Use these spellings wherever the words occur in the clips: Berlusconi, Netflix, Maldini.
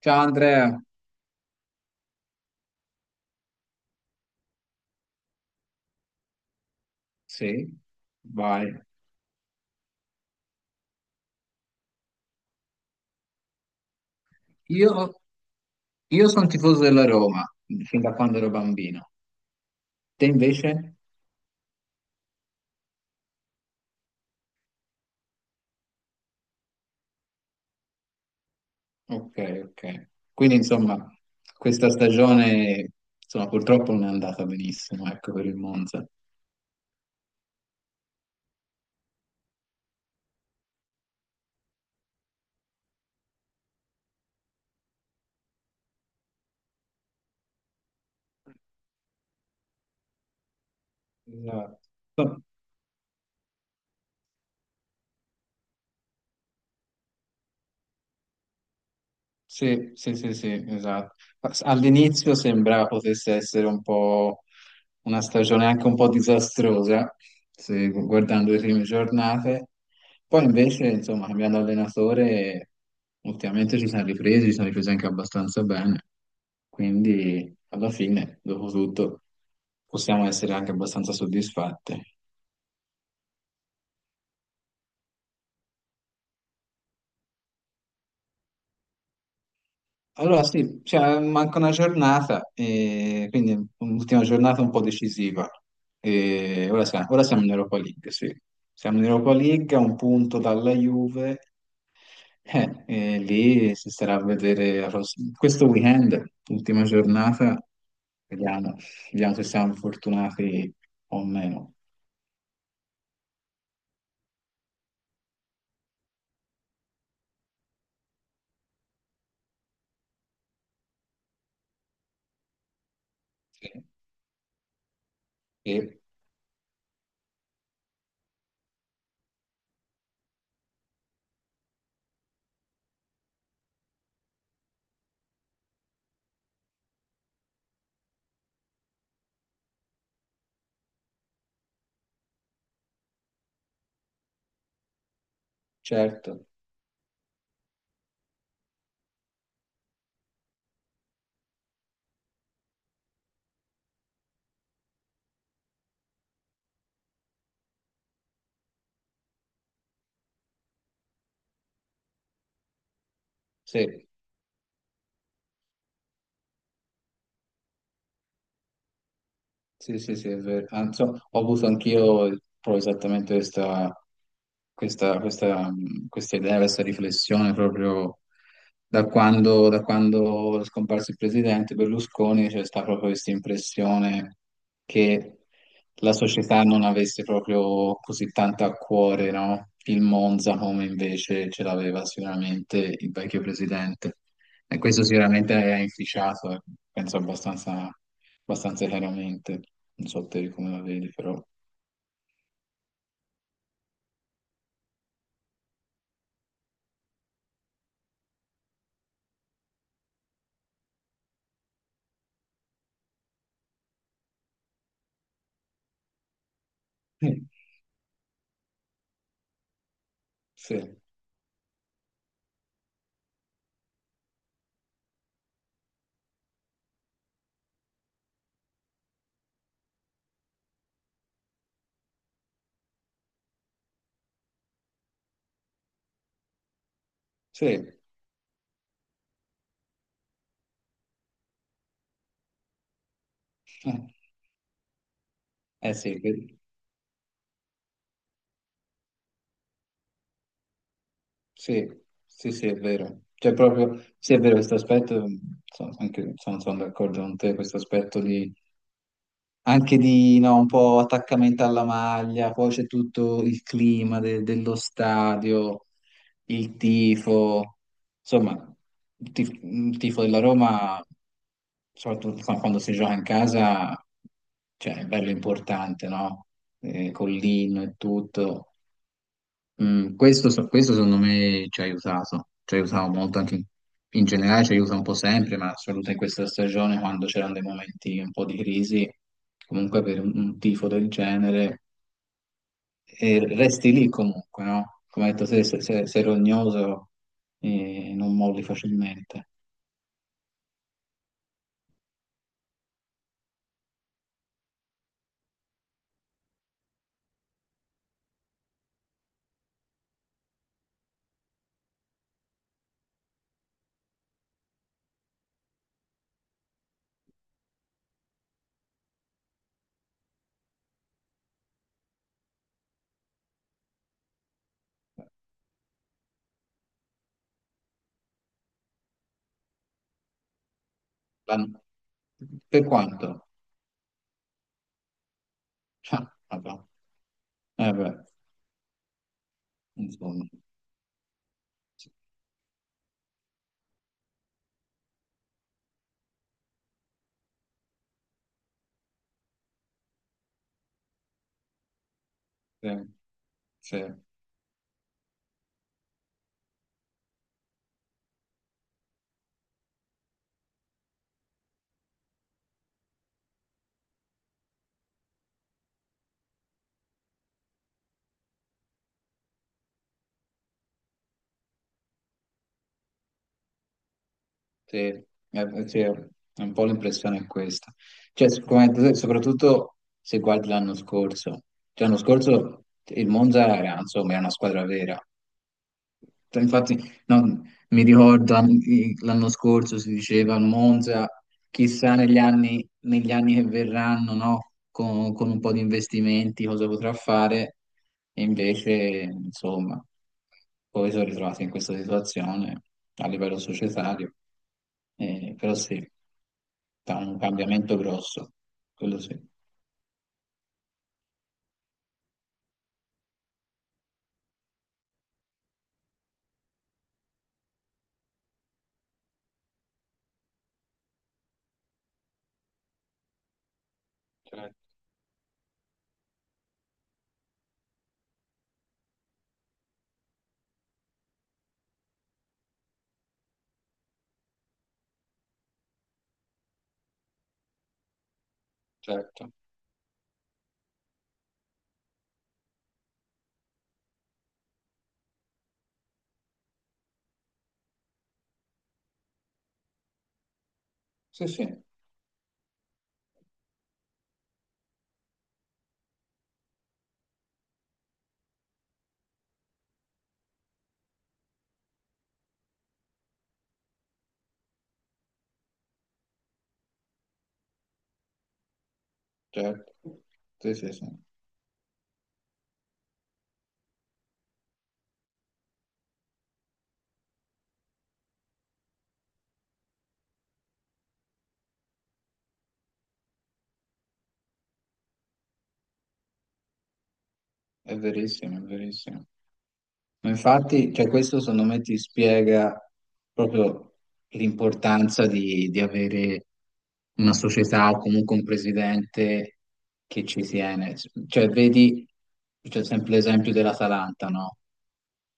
Ciao Andrea, sì, vai. Io, io sono tifoso della Roma fin da quando ero bambino. Te invece? Ok, ok. Quindi insomma, questa stagione insomma, purtroppo non è andata benissimo, ecco, per il Monza. Esatto. Sì, sì, sì, sì, esatto. All'inizio sembrava potesse essere un po' una stagione anche un po' disastrosa, guardando le prime giornate. Poi invece, insomma, cambiando allenatore, ultimamente ci siamo ripresi anche abbastanza bene. Quindi, alla fine, dopo tutto, possiamo essere anche abbastanza soddisfatti. Allora sì, cioè, manca una giornata, e quindi un'ultima giornata un po' decisiva. E ora siamo in Europa League, sì. Siamo in Europa League, a un punto dalla Juve, e lì si starà a vedere la questo weekend, ultima giornata, vediamo, vediamo se siamo fortunati o meno. Sì. E, certo, sì. Sì, sì, sì, è vero. Anzi, ho avuto anch'io proprio esattamente questa idea, questa riflessione proprio da quando è scomparso il presidente Berlusconi, c'è stata proprio questa impressione che la società non avesse proprio così tanto a cuore, no? Il Monza come invece ce l'aveva sicuramente il vecchio presidente. E questo sicuramente ha inficiato, penso abbastanza chiaramente. Non so te come la vedi, però. Sì, sì, sì. Eh, eh sì, sì, sì, sì, è vero. Cioè proprio, sì, è vero questo aspetto, sono d'accordo con te, questo aspetto di anche di no, un po' attaccamento alla maglia, poi c'è tutto il clima dello stadio, il tifo, insomma, il tifo, della Roma, soprattutto quando si gioca in casa, cioè, è bello importante, no? Con l'inno e tutto. Questo, questo secondo me ci ha aiutato molto anche in generale, ci aiuta un po' sempre, ma soprattutto in questa stagione quando c'erano dei momenti un po' di crisi, comunque per un tifo del genere, e resti lì comunque, no? Come hai detto te, sei rognoso non molli facilmente. L'hanno- Per quanto? Ah, vabbè. Eh beh, insomma, sì, sì. Sì. Sì, sì, è un po' l'impressione è questa. Cioè, come hai detto te, soprattutto se guardi l'anno scorso. Cioè, l'anno scorso il Monza era, insomma, era una squadra vera. Cioè, infatti, no, mi ricordo l'anno scorso si diceva al Monza, chissà negli anni che verranno, no? Con un po' di investimenti cosa potrà fare, e invece, insomma, poi sono ritrovato in questa situazione a livello societario, però sì, da un cambiamento grosso, quello sì. Certo, certo. Sì, sì, certo. Sì, sì, sì. È verissimo, è verissimo. Ma infatti, cioè, questo secondo me ti spiega proprio l'importanza di avere una società o comunque un presidente che ci tiene. Cioè, vedi, c'è sempre l'esempio dell'Atalanta, no?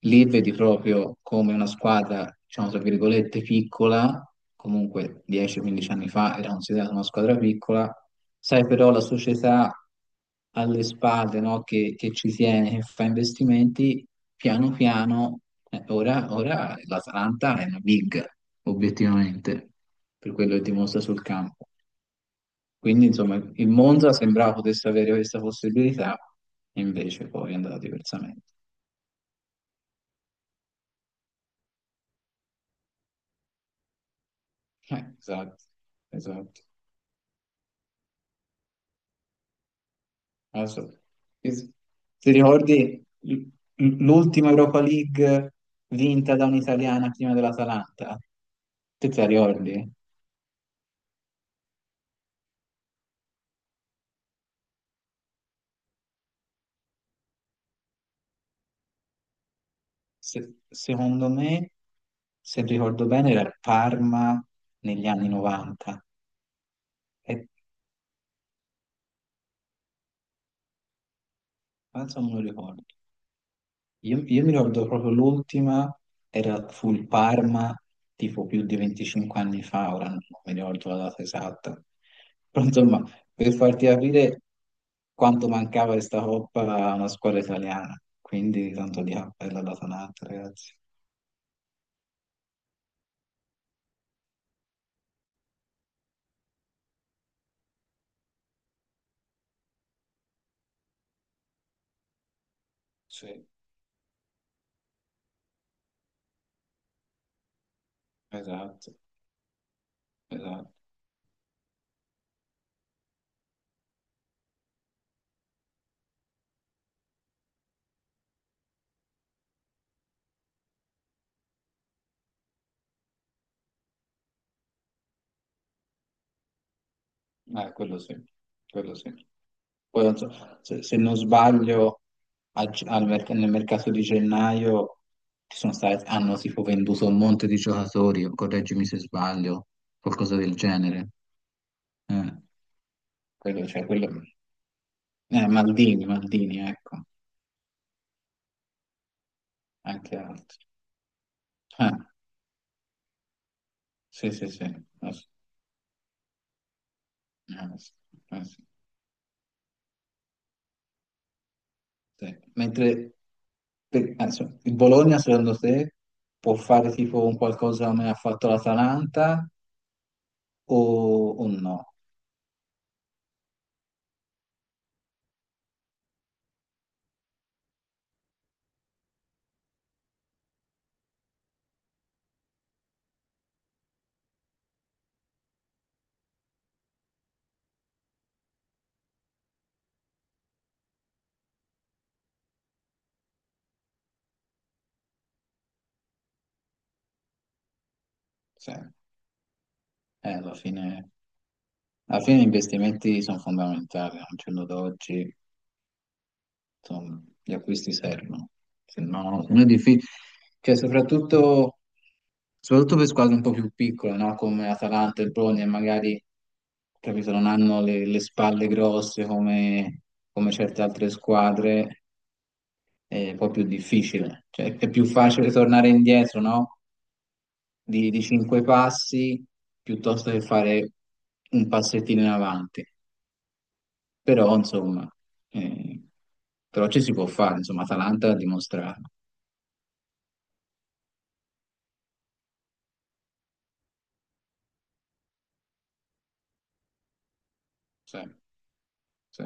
Lì vedi proprio come una squadra, diciamo, tra virgolette, piccola, comunque 10-15 anni fa era considerata una squadra piccola, sai però la società alle spalle, no? Che ci tiene, che fa investimenti, piano piano, ora l'Atalanta è una big, obiettivamente, per quello che dimostra sul campo. Quindi, insomma, il Monza sembrava potesse avere questa possibilità, e invece poi è andata diversamente. Esatto, esatto. Adesso, ti ti ricordi l'ultima Europa League vinta da un'italiana prima dell'Atalanta? Te la ricordi? Secondo me, se ricordo bene, era il Parma negli anni 90. E, penso non me lo ricordo. Io mi ricordo proprio l'ultima, era, fu il Parma, tipo più di 25 anni fa, ora non mi ricordo la data esatta. Però insomma, per farti capire quanto mancava questa coppa a una squadra italiana. Quindi tanto di appello alla Tanat, ragazzi. Sì, esatto, esatto. Quello sì, quello sì. Poi, non so, se non sbaglio, a ge- al merc- nel mercato di gennaio ci sono stati, hanno tipo venduto un monte di giocatori, correggimi se sbaglio, qualcosa del genere. Eh, quello, cioè, quello... Maldini, Maldini, ecco, anche altri. Eh, sì, sì, sì. Sì, sì, sì, sì. Mentre adesso, il Bologna, secondo te, può fare tipo un qualcosa come ha fatto l'Atalanta o, o no? Cioè, alla fine gli investimenti sono fondamentali, al giorno d'oggi insomma, gli acquisti servono, se no non è difficile, cioè, soprattutto per squadre un po' più piccole, no? Come Atalanta e Bologna, magari capito, non hanno le spalle grosse come certe altre squadre, è un po' più difficile, cioè, è più facile tornare indietro, no? Di cinque passi piuttosto che fare un passettino in avanti. Però, insomma, eh, però ci si può fare, insomma, Atalanta ha dimostrato. Sì, sì.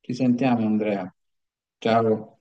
Ci sentiamo, Andrea. Ciao.